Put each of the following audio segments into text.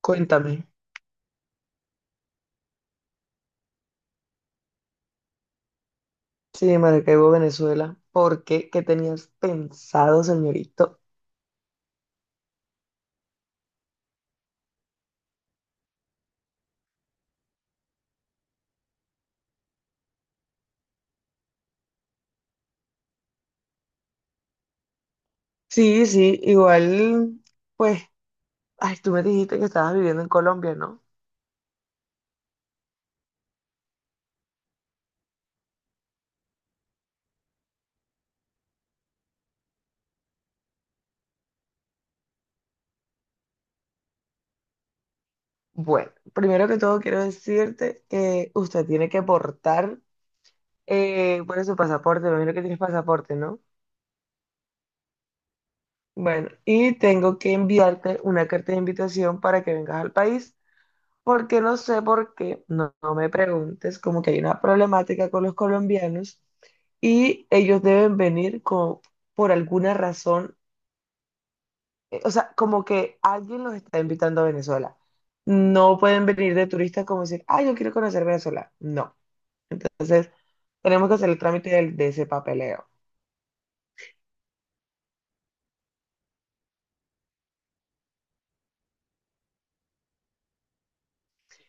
Cuéntame. Sí, Maracaibo, Venezuela. ¿Por qué? ¿Qué tenías pensado, señorito? Sí, sí, igual, pues, ay, tú me dijiste que estabas viviendo en Colombia, ¿no? Bueno, primero que todo quiero decirte que usted tiene que aportar, bueno, su pasaporte, me imagino que tienes pasaporte, ¿no? Bueno, y tengo que enviarte una carta de invitación para que vengas al país. Porque no sé por qué, no, no me preguntes, como que hay una problemática con los colombianos y ellos deben venir con, por alguna razón, o sea, como que alguien los está invitando a Venezuela. No pueden venir de turistas como decir, ah, yo quiero conocer Venezuela. No. Entonces, tenemos que hacer el trámite de, ese papeleo.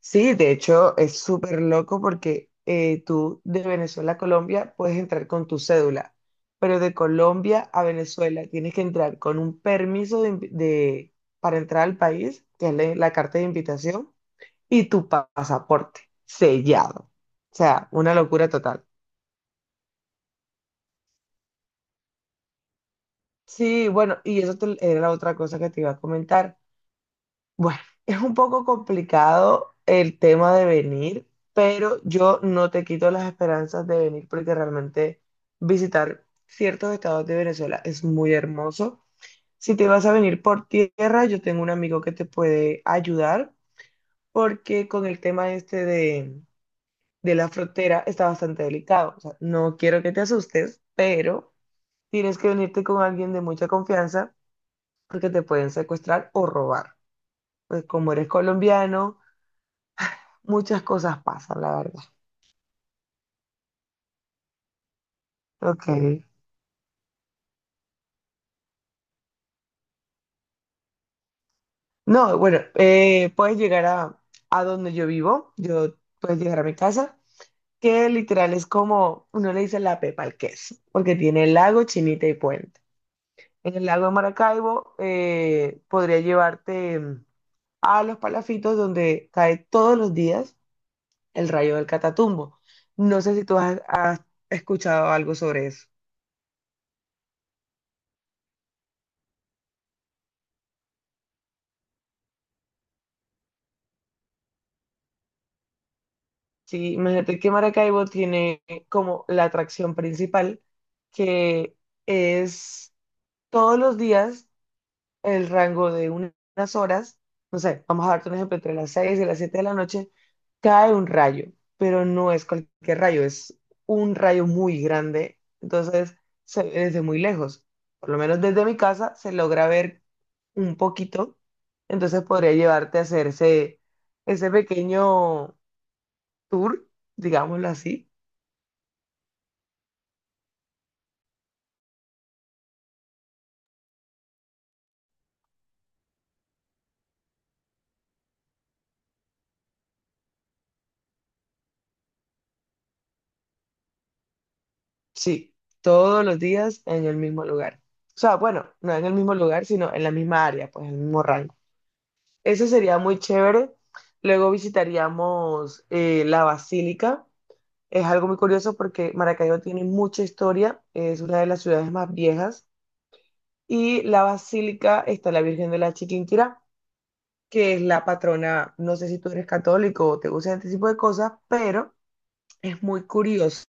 Sí, de hecho es súper loco porque tú de Venezuela a Colombia puedes entrar con tu cédula, pero de Colombia a Venezuela tienes que entrar con un permiso de, para entrar al país, que es la carta de invitación, y tu pasaporte sellado. O sea, una locura total. Sí, bueno, y eso era la otra cosa que te iba a comentar. Bueno, es un poco complicado el tema de venir, pero yo no te quito las esperanzas de venir porque realmente visitar ciertos estados de Venezuela es muy hermoso. Si te vas a venir por tierra, yo tengo un amigo que te puede ayudar porque con el tema este de la frontera está bastante delicado. O sea, no quiero que te asustes, pero tienes que venirte con alguien de mucha confianza porque te pueden secuestrar o robar. Pues como eres colombiano muchas cosas pasan, la verdad. Ok. No, bueno, puedes llegar a donde yo vivo, yo puedes llegar a mi casa, que literal es como, uno le dice la Pepa al queso, porque tiene lago, chinita y puente. En el lago de Maracaibo podría llevarte a los palafitos donde cae todos los días el rayo del Catatumbo. No sé si tú has escuchado algo sobre eso. Sí, imagínate que Maracaibo tiene como la atracción principal, que es todos los días el rango de unas horas, no sé, vamos a darte un ejemplo, entre las 6 y las 7 de la noche, cae un rayo, pero no es cualquier rayo, es un rayo muy grande, entonces se ve desde muy lejos, por lo menos desde mi casa se logra ver un poquito, entonces podría llevarte a hacer ese, ese pequeño tour, digámoslo así. Sí, todos los días en el mismo lugar. O sea, bueno, no en el mismo lugar, sino en la misma área, pues en el mismo rango. Eso sería muy chévere. Luego visitaríamos la Basílica. Es algo muy curioso porque Maracaibo tiene mucha historia, es una de las ciudades más viejas. Y la Basílica está la Virgen de la Chiquinquirá, que es la patrona, no sé si tú eres católico o te gusta este tipo de cosas, pero es muy curioso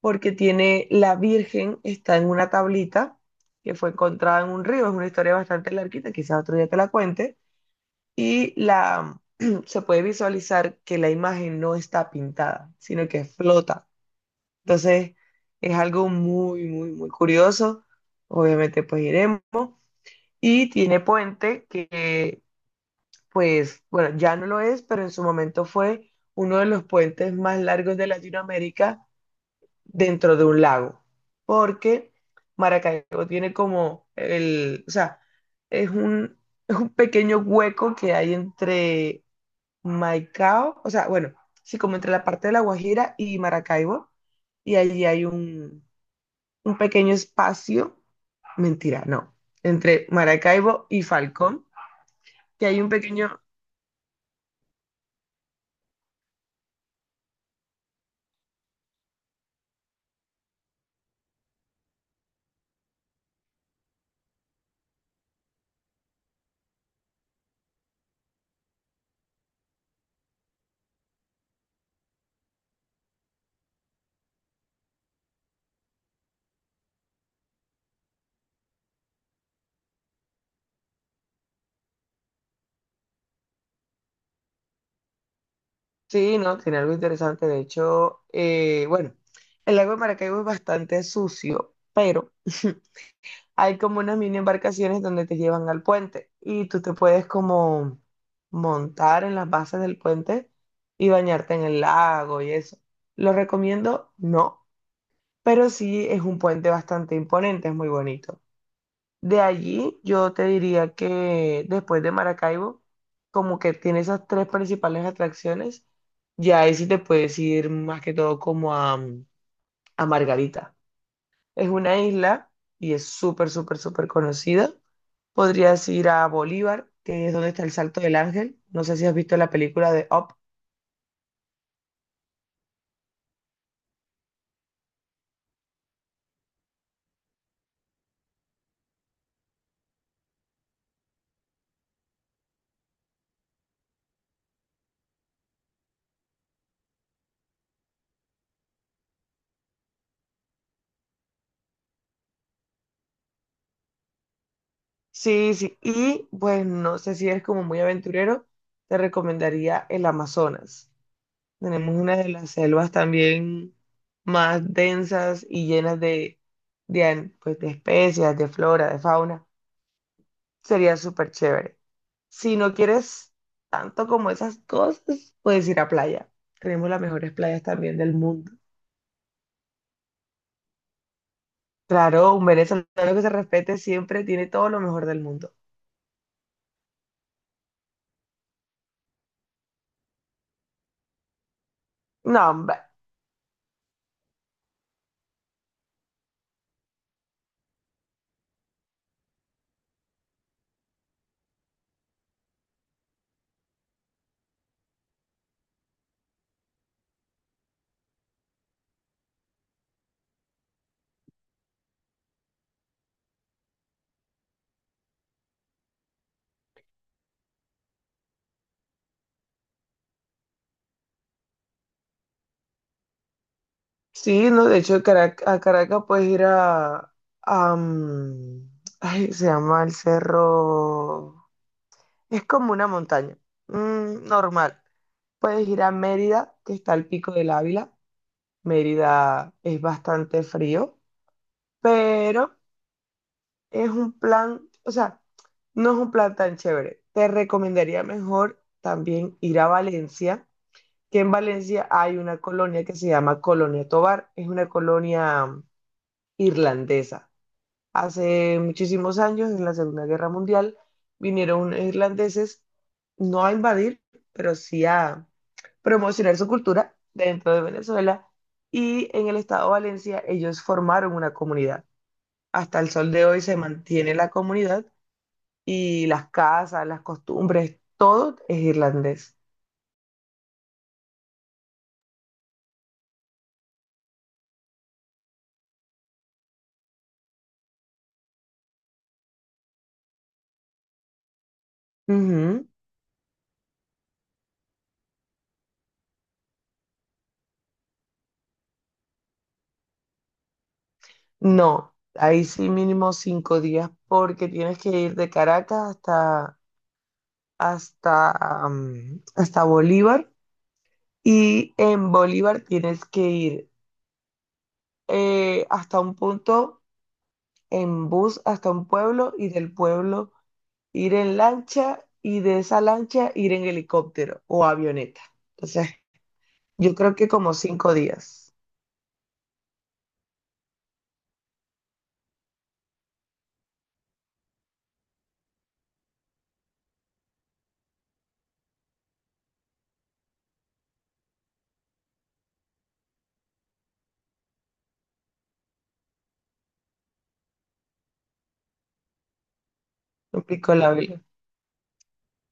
porque tiene la Virgen, está en una tablita que fue encontrada en un río, es una historia bastante larguita, quizás otro día te la cuente, y la, se puede visualizar que la imagen no está pintada, sino que flota. Entonces, es algo muy, muy, muy curioso. Obviamente, pues iremos. Y tiene puente que, pues, bueno, ya no lo es, pero en su momento fue uno de los puentes más largos de Latinoamérica dentro de un lago, porque Maracaibo tiene como el, o sea, es un, es un pequeño hueco que hay entre Maicao, o sea, bueno, sí, como entre la parte de La Guajira y Maracaibo, y allí hay un pequeño espacio, mentira, no, entre Maracaibo y Falcón, que hay un pequeño, sí, no, tiene algo interesante, de hecho, bueno, el lago de Maracaibo es bastante sucio, pero... hay como unas mini embarcaciones donde te llevan al puente y tú te puedes como montar en las bases del puente y bañarte en el lago y eso. ¿Lo recomiendo? No, pero sí es un puente bastante imponente, es muy bonito. De allí yo te diría que después de Maracaibo, como que tiene esas tres principales atracciones, ya ahí sí te puedes ir más que todo como a Margarita. Es una isla y es súper, súper, súper conocida. Podrías ir a Bolívar, que es donde está el Salto del Ángel. No sé si has visto la película de Up. Sí, sí. Y pues no sé si eres como muy aventurero, te recomendaría el Amazonas. Tenemos una de las selvas también más densas y llenas de, pues, de especies, de flora, de fauna. Sería súper chévere. Si no quieres tanto como esas cosas, puedes ir a playa. Tenemos las mejores playas también del mundo. Claro, un venezolano que se respete siempre tiene todo lo mejor del mundo. No, hombre. Sí, no, de hecho a Caracas puedes ir a, ay, se llama el cerro. Es como una montaña. Normal. Puedes ir a Mérida, que está al pico del Ávila. Mérida es bastante frío, pero es un plan, o sea, no es un plan tan chévere. Te recomendaría mejor también ir a Valencia que en Valencia hay una colonia que se llama Colonia Tobar, es una colonia irlandesa. Hace muchísimos años, en la Segunda Guerra Mundial, vinieron unos irlandeses no a invadir, pero sí a promocionar su cultura dentro de Venezuela y en el estado de Valencia ellos formaron una comunidad. Hasta el sol de hoy se mantiene la comunidad y las casas, las costumbres, todo es irlandés. Ujú. No, ahí sí mínimo 5 días porque tienes que ir de Caracas hasta Bolívar y en Bolívar tienes que ir hasta un punto en bus, hasta un pueblo y del pueblo ir en lancha y de esa lancha ir en helicóptero o avioneta. Entonces, yo creo que como 5 días. Me picó la vela.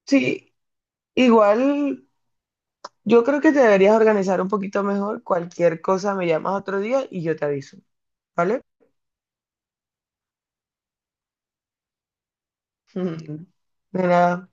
Sí, igual, yo creo que te deberías organizar un poquito mejor. Cualquier cosa me llamas otro día y yo te aviso, ¿vale? De nada.